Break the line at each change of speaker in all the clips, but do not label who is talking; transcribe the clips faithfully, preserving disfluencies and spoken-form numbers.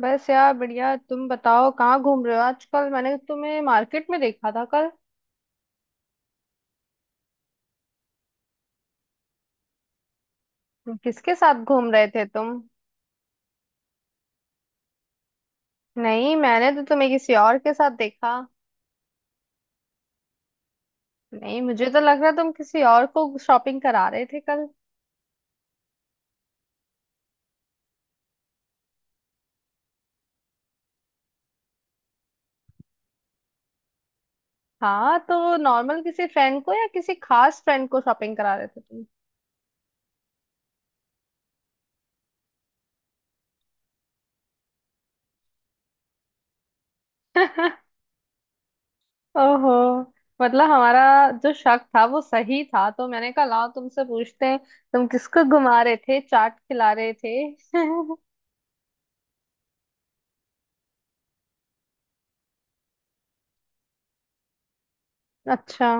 बस यार बढ़िया। तुम बताओ कहाँ घूम रहे हो आजकल, मैंने तो तुम्हें मार्केट में देखा था कल। किसके साथ घूम रहे थे तुम? नहीं, मैंने तो तुम्हें किसी और के साथ देखा। नहीं, मुझे तो लग रहा तुम किसी और को शॉपिंग करा रहे थे कल। हाँ, तो नॉर्मल किसी फ्रेंड को या किसी खास फ्रेंड को शॉपिंग करा रहे थे तुम? ओहो। मतलब हमारा जो शक था वो सही था, तो मैंने कहा लाओ तुमसे पूछते हैं। तुम किसको घुमा रहे थे, चाट खिला रहे थे? अच्छा।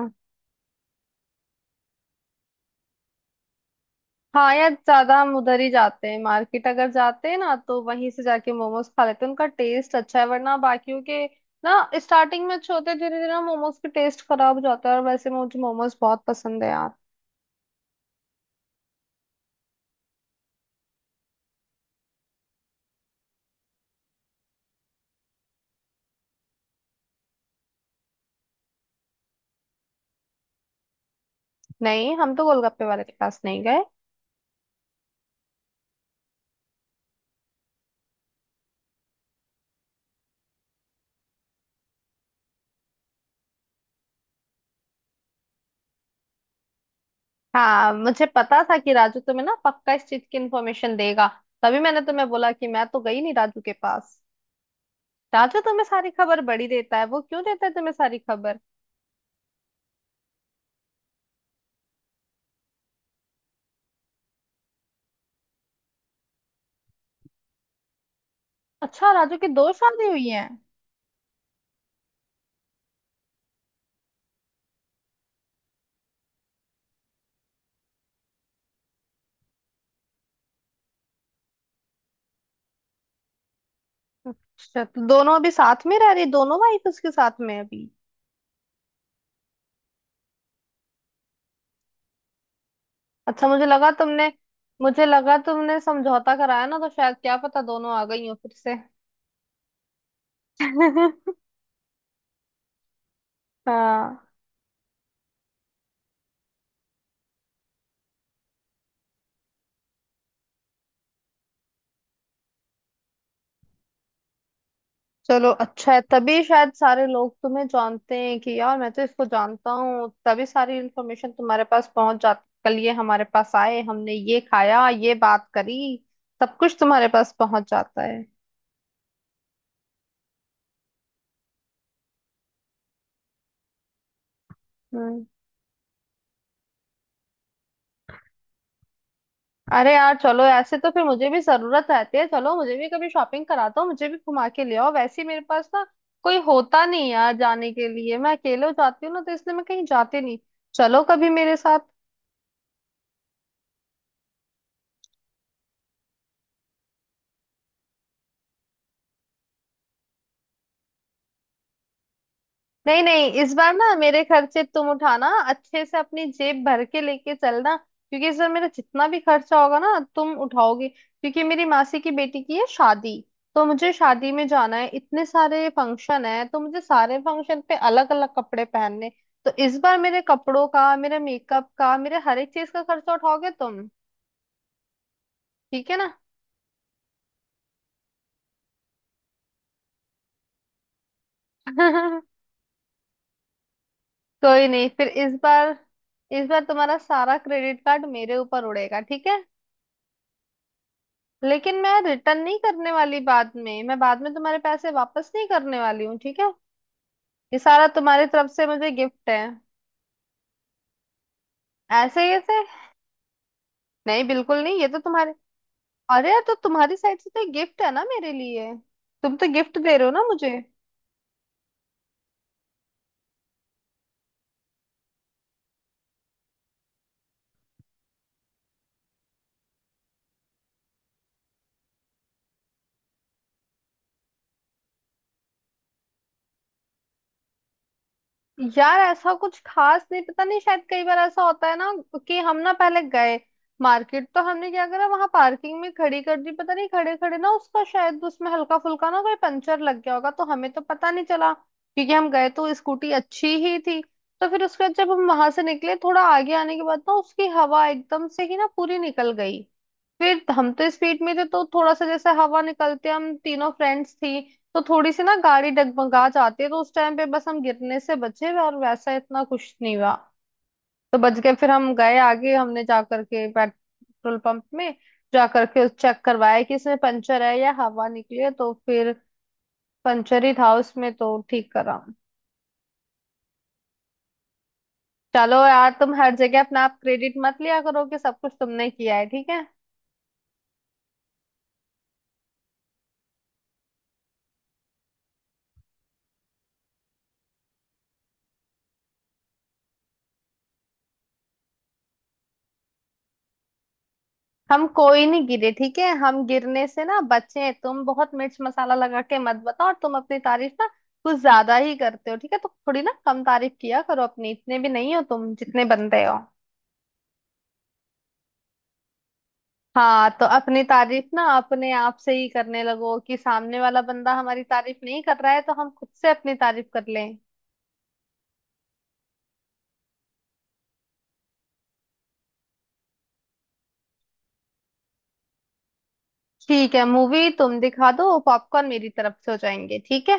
हाँ यार, ज्यादा हम उधर ही जाते हैं, मार्केट अगर जाते हैं ना तो वहीं से जाके मोमोज खा लेते हैं, उनका टेस्ट अच्छा है। वरना बाकियों के ना स्टार्टिंग में अच्छे होते हैं, धीरे धीरे ना मोमोज के टेस्ट खराब हो जाता है। और वैसे मुझे मोमोज बहुत पसंद है यार। नहीं, हम तो गोलगप्पे वाले के पास नहीं गए। हाँ, मुझे पता था कि राजू तुम्हें ना पक्का इस चीज की इन्फॉर्मेशन देगा। तभी मैंने तुम्हें बोला कि मैं तो गई नहीं राजू के पास। राजू तुम्हें सारी खबर बड़ी देता है। वो क्यों देता है तुम्हें सारी खबर? अच्छा, राजू की दो शादी हुई है? अच्छा, तो दोनों अभी साथ में रह रही, दोनों वाइफ उसके साथ में है अभी? अच्छा, मुझे लगा तुमने, मुझे लगा तुमने समझौता कराया ना तो शायद क्या पता दोनों आ गई हो फिर से। हाँ। चलो अच्छा है, तभी शायद सारे लोग तुम्हें जानते हैं कि यार मैं तो इसको जानता हूँ, तभी सारी इन्फॉर्मेशन तुम्हारे पास पहुंच जाती, कल ये हमारे पास आए, हमने ये खाया, ये बात करी। सब कुछ तुम्हारे पास पहुंच जाता है। हम्म। अरे यार, चलो ऐसे तो फिर मुझे भी जरूरत रहती है, चलो मुझे भी कभी शॉपिंग कराता हूँ, मुझे भी घुमा के ले आओ। वैसे ही मेरे पास ना कोई होता नहीं यार जाने के लिए, मैं अकेले हो जाती हूँ ना तो इसलिए मैं कहीं जाती नहीं। चलो कभी मेरे साथ। नहीं नहीं, इस बार ना मेरे खर्चे तुम उठाना, अच्छे से अपनी जेब भर के लेके चलना, क्योंकि इस बार मेरा जितना भी खर्चा होगा ना तुम उठाओगे, क्योंकि मेरी मासी की बेटी की है शादी। तो मुझे शादी में जाना है, इतने सारे फंक्शन है तो मुझे सारे फंक्शन पे अलग अलग कपड़े पहनने। तो इस बार मेरे कपड़ों का, मेरे मेकअप का, मेरे हर एक चीज का खर्चा उठाओगे तुम, ठीक है ना। कोई नहीं, फिर इस बार, इस बार तुम्हारा सारा क्रेडिट कार्ड मेरे ऊपर उड़ेगा, ठीक है? लेकिन मैं रिटर्न नहीं करने वाली बाद में, मैं बाद में तुम्हारे पैसे वापस नहीं करने वाली हूँ, ठीक है। ये सारा तुम्हारी तरफ से मुझे गिफ्ट है। ऐसे कैसे? नहीं बिल्कुल नहीं, ये तो तुम्हारे। अरे यार, तो तुम्हारी साइड से तो गिफ्ट है ना मेरे लिए। तुम तो गिफ्ट दे रहे हो ना मुझे। यार ऐसा कुछ खास नहीं, पता नहीं शायद कई बार ऐसा होता है ना कि हम ना पहले गए मार्केट, तो हमने क्या करा, वहां पार्किंग में खड़ी कर दी, पता नहीं खड़े खड़े ना उसका शायद, उसमें हल्का फुल्का ना कोई पंचर लग गया होगा, तो हमें तो पता नहीं चला क्योंकि हम गए तो स्कूटी अच्छी ही थी। तो फिर उसके बाद जब हम वहां से निकले, थोड़ा आगे आने के बाद ना उसकी हवा एकदम से ही ना पूरी निकल गई। फिर हम तो स्पीड में थे, तो थोड़ा सा जैसे हवा निकलते, हम तीनों फ्रेंड्स थी, तो थोड़ी सी ना गाड़ी डगमगा जाती है, तो उस टाइम पे बस हम गिरने से बचे और वैसा इतना कुछ नहीं हुआ। तो बच गए, फिर हम गए आगे, हमने जा करके पेट्रोल पंप में जा करके चेक करवाया कि इसमें पंचर है या हवा निकली है, तो फिर पंचर ही था उसमें, तो ठीक करा। चलो यार, तुम हर जगह अपना आप क्रेडिट मत लिया करो कि सब कुछ तुमने किया है, ठीक है। हम कोई नहीं गिरे, ठीक है, हम गिरने से ना बचे, तुम बहुत मिर्च मसाला लगा के मत बताओ, और तुम अपनी तारीफ ना कुछ ज्यादा ही करते हो, ठीक है, तो थोड़ी ना कम तारीफ किया करो अपनी, इतने भी नहीं हो तुम जितने बनते हो। हाँ, तो अपनी तारीफ ना अपने आप से ही करने लगो कि सामने वाला बंदा हमारी तारीफ नहीं कर रहा है तो हम खुद से अपनी तारीफ कर लें। ठीक है, मूवी तुम दिखा दो, पॉपकॉर्न मेरी तरफ से हो जाएंगे, ठीक।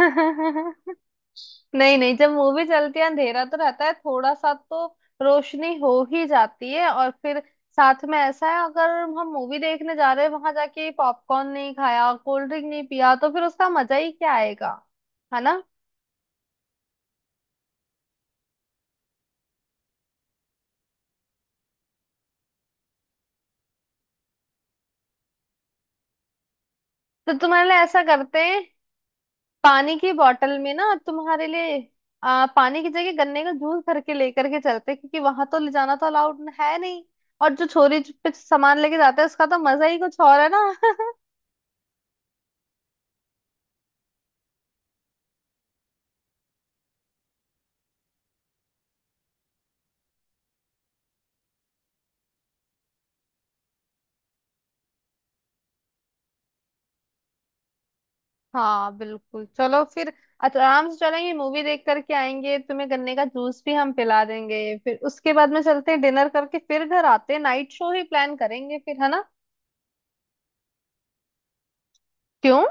है नहीं नहीं, जब मूवी चलती है अंधेरा तो रहता है थोड़ा सा, तो रोशनी हो ही जाती है, और फिर साथ में ऐसा है, अगर हम मूवी देखने जा रहे हैं वहां जाके पॉपकॉर्न नहीं खाया, कोल्ड ड्रिंक नहीं पिया, तो फिर उसका मजा ही क्या आएगा, है ना। तो तुम्हारे लिए ऐसा करते हैं, पानी की बोतल में ना तुम्हारे लिए, आ, पानी की जगह गन्ने का जूस भर के लेकर के चलते हैं, क्योंकि वहां तो ले जाना तो अलाउड है नहीं, और जो छोरी पे सामान लेके जाते हैं उसका तो मजा ही कुछ और है ना। हाँ बिल्कुल, चलो फिर आराम से चलेंगे, मूवी देख करके आएंगे, तुम्हें गन्ने का जूस भी हम पिला देंगे, फिर उसके बाद में चलते हैं डिनर करके, फिर घर आते हैं, नाइट शो ही प्लान करेंगे फिर, है ना। क्यों?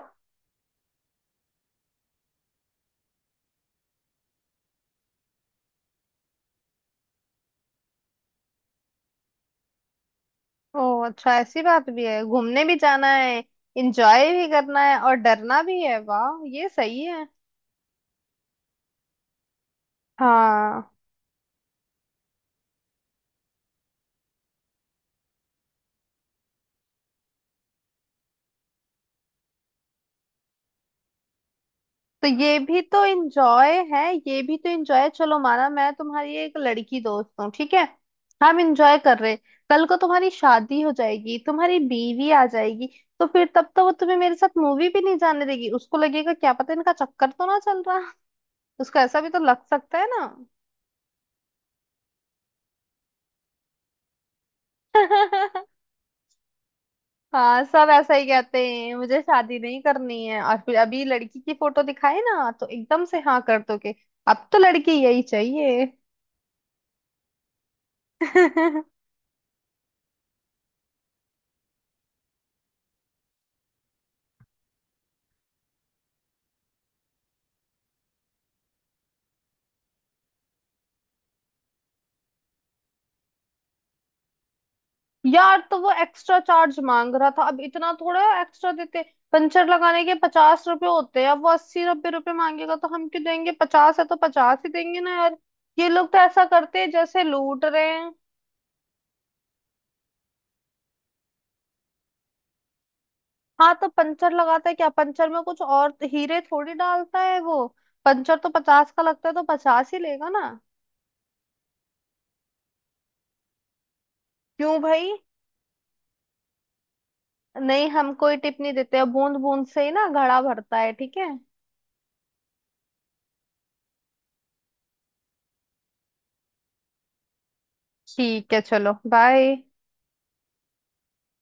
ओ अच्छा, ऐसी बात भी है, घूमने भी जाना है, एंजॉय भी करना है और डरना भी है, वाह ये सही है। हाँ, तो ये भी तो इंजॉय है, ये भी तो इंजॉय है, चलो माना मैं तुम्हारी एक लड़की दोस्त हूँ, ठीक है, हम इंजॉय कर रहे, कल को तुम्हारी शादी हो जाएगी, तुम्हारी बीवी आ जाएगी, तो फिर तब तो वो तुम्हें मेरे साथ मूवी भी नहीं जाने देगी, उसको लगेगा क्या पता इनका चक्कर तो ना चल रहा, उसको ऐसा भी तो लग सकता है ना। हाँ, सब ऐसा ही कहते हैं मुझे शादी नहीं करनी है, और फिर अभी लड़की की फोटो दिखाए ना तो एकदम से हाँ कर दोगे, अब तो लड़की यही चाहिए। यार, तो वो एक्स्ट्रा चार्ज मांग रहा था, अब इतना थोड़ा एक्स्ट्रा देते, पंचर लगाने के पचास रुपए होते हैं, अब वो अस्सी नब्बे रुपए मांगेगा तो हम क्यों देंगे, पचास है तो पचास ही देंगे ना यार, ये लोग तो ऐसा करते हैं जैसे लूट रहे हैं। हाँ, तो पंचर लगाता है क्या, पंचर में कुछ और हीरे थोड़ी डालता है वो, पंचर तो पचास का लगता है तो पचास ही लेगा ना। क्यों भाई, नहीं हम कोई टिप नहीं देते, बूंद बूंद से ही ना घड़ा भरता है, ठीक है। ठीक है, चलो बाय।